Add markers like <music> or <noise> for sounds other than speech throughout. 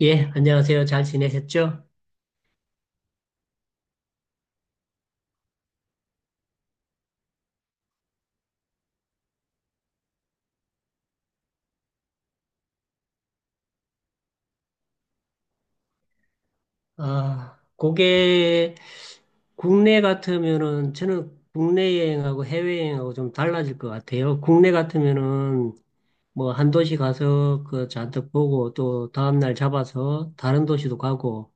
예, 안녕하세요. 잘 지내셨죠? 아, 그게 국내 같으면은 저는 국내 여행하고 해외 여행하고 좀 달라질 것 같아요. 국내 같으면은 뭐 한 도시 가서 그 잔뜩 보고 또 다음날 잡아서 다른 도시도 가고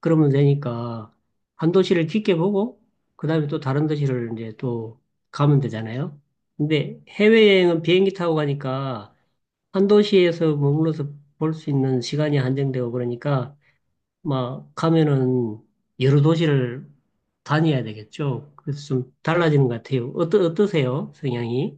그러면 되니까 한 도시를 깊게 보고 그다음에 또 다른 도시를 이제 또 가면 되잖아요. 근데 해외 여행은 비행기 타고 가니까 한 도시에서 머물러서 볼 수 있는 시간이 한정되고 그러니까 막 가면은 여러 도시를 다녀야 되겠죠. 그래서 좀 달라지는 것 같아요. 어떠세요? 성향이?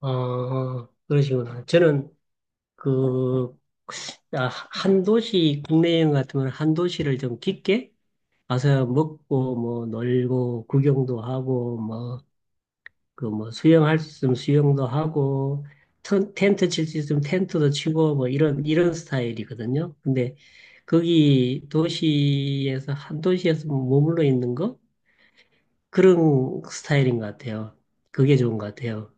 어, 그러시구나. 저는 그, 아, 한 도시, 국내 여행 같으면 한 도시를 좀 깊게 가서 먹고, 뭐, 놀고, 구경도 하고, 뭐, 그 뭐 수영할 수 있으면 수영도 하고 텐트 칠 수 있으면 텐트도 치고 뭐 이런 스타일이거든요. 근데 거기 도시에서 한 도시에서 머물러 있는 거 그런 스타일인 것 같아요. 그게 좋은 것 같아요.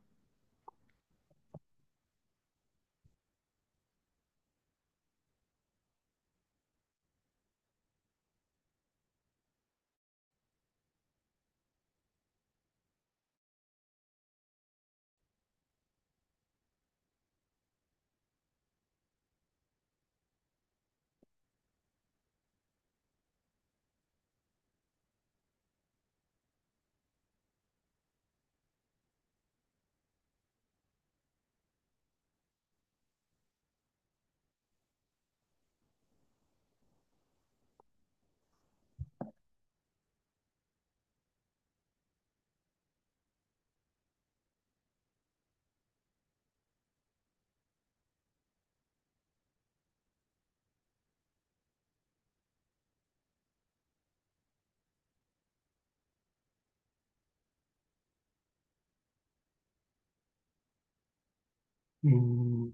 음,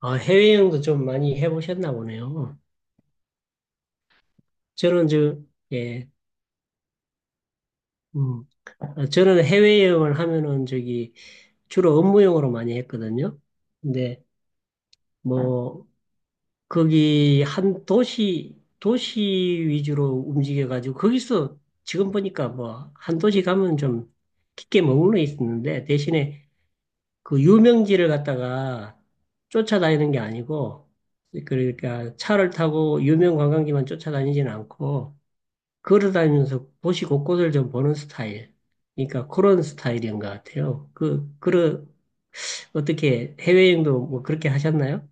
아, 해외여행도 좀 많이 해보셨나 보네요. 저는 저 예, 음, 아, 저는 해외여행을 하면은 저기 주로 업무용으로 많이 했거든요. 근데 뭐 거기 한 도시, 도시 위주로 움직여가지고, 거기서 지금 보니까 뭐, 한 도시 가면 좀 깊게 머물러 있었는데, 대신에 그 유명지를 갖다가 쫓아다니는 게 아니고, 그러니까 차를 타고 유명 관광지만 쫓아다니지는 않고, 걸어다니면서 도시 곳곳을 좀 보는 스타일. 그러니까 그런 스타일인 것 같아요. 어떻게 해외여행도 뭐 그렇게 하셨나요?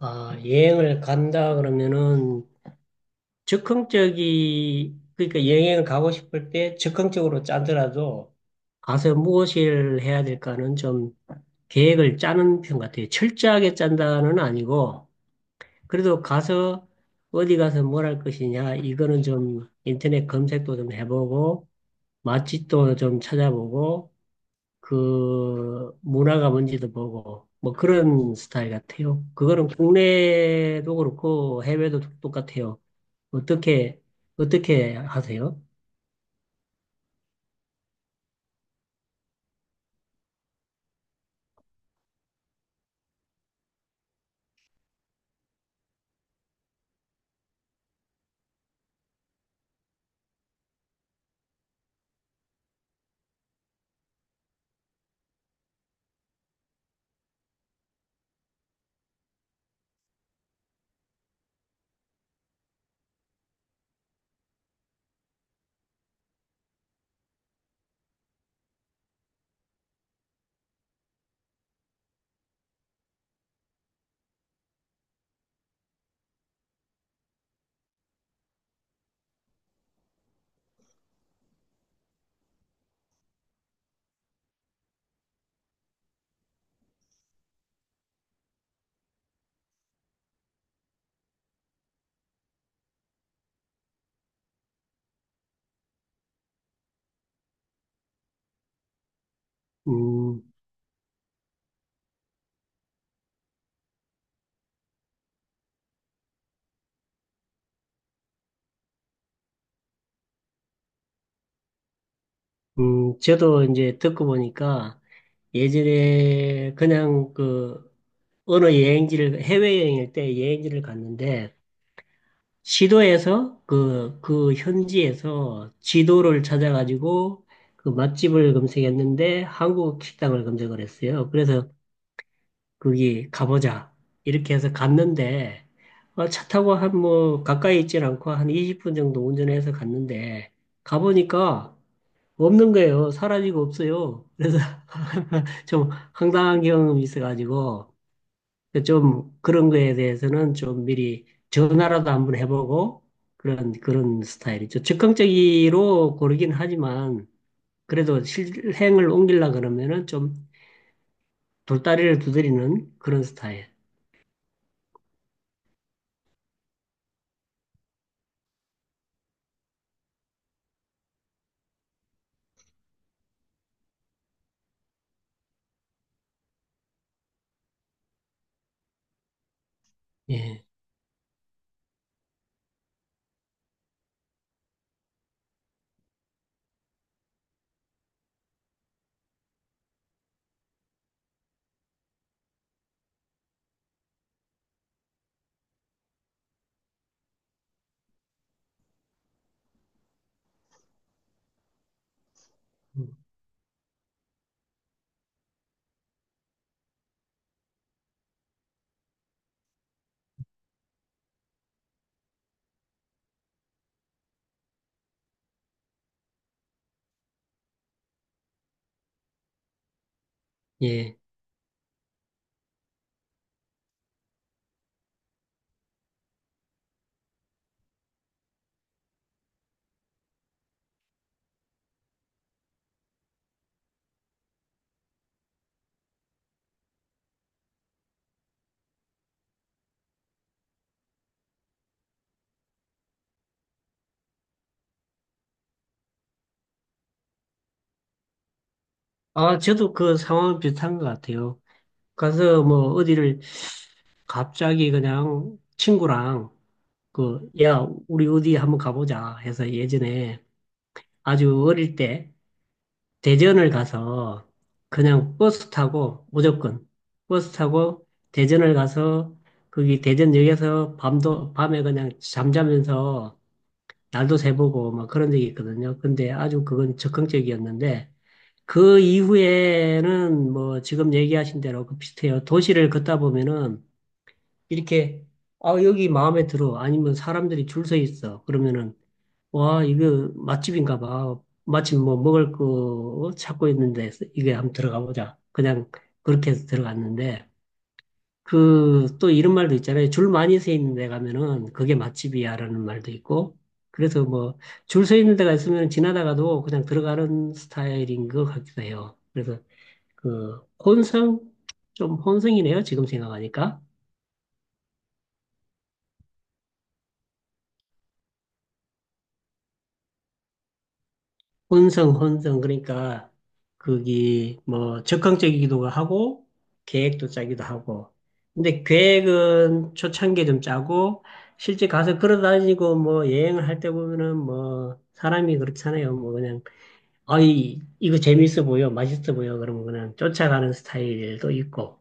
아, 여행을 간다 그러면은 그러니까 여행을 가고 싶을 때 즉흥적으로 짜더라도 가서 무엇을 해야 될까는 좀 계획을 짜는 편 같아요. 철저하게 짠다는 아니고, 그래도 가서 어디 가서 뭘 할 것이냐, 이거는 좀 인터넷 검색도 좀 해보고, 맛집도 좀 찾아보고, 그 문화가 뭔지도 보고, 뭐 그런 스타일 같아요. 그거는 국내도 그렇고 해외도 똑같아요. 어떻게, 어떻게 하세요? 음. 저도 이제 듣고 보니까 예전에 그냥 그 어느 여행지를, 해외여행일 때 여행지를 갔는데 시도에서 그 현지에서 지도를 찾아가지고 그 맛집을 검색했는데 한국 식당을 검색을 했어요. 그래서 거기 가보자. 이렇게 해서 갔는데, 어, 차 타고 한 뭐, 가까이 있진 않고 한 20분 정도 운전해서 갔는데, 가보니까 없는 거예요. 사라지고 없어요. 그래서 <laughs> 좀 황당한 경험이 있어가지고, 좀 그런 거에 대해서는 좀 미리 전화라도 한번 해보고, 그런 스타일이죠. 즉흥적으로 고르긴 하지만, 그래도 실행을 옮기려 그러면은 좀 돌다리를 두드리는 그런 스타일. 예. 음. 예. 아, 저도 그 상황은 비슷한 것 같아요. 가서 뭐 어디를 갑자기 그냥 친구랑 야, 우리 어디 한번 가보자 해서 예전에 아주 어릴 때 대전을 가서 그냥 버스 타고 무조건 버스 타고 대전을 가서 거기 대전역에서 밤에 그냥 잠자면서 날도 새보고 막 그런 적이 있거든요. 근데 아주 그건 적극적이었는데 그 이후에는 뭐 지금 얘기하신 대로 그 비슷해요. 도시를 걷다 보면은 이렇게 아 여기 마음에 들어 아니면 사람들이 줄 서 있어 그러면은 와 이거 맛집인가 봐 마침 뭐 먹을 거 찾고 있는데 이게 한번 들어가 보자 그냥 그렇게 해서 들어갔는데 그 또 이런 말도 있잖아요. 줄 많이 서 있는 데 가면은 그게 맛집이야라는 말도 있고 그래서 뭐 줄 서 있는 데가 있으면 지나다가도 그냥 들어가는 스타일인 것 같기도 해요. 그래서 그 혼성 좀 혼성이네요. 지금 생각하니까 혼성 혼성 그러니까 그게 뭐 적극적이기도 하고 계획도 짜기도 하고 근데 계획은 초창기에 좀 짜고 실제 가서 걸어다니고 뭐 여행을 할 때 보면은 뭐 사람이 그렇잖아요. 뭐 그냥 아이 이거 재밌어 보여, 맛있어 보여 그러면 그냥 쫓아가는 스타일도 있고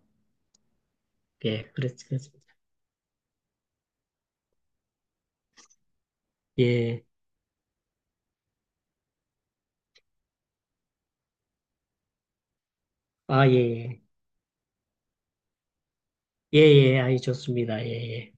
예. 그렇습니다. 예. 아, 예, 예. 예, 예, 아니, 좋습니다. 예, 예.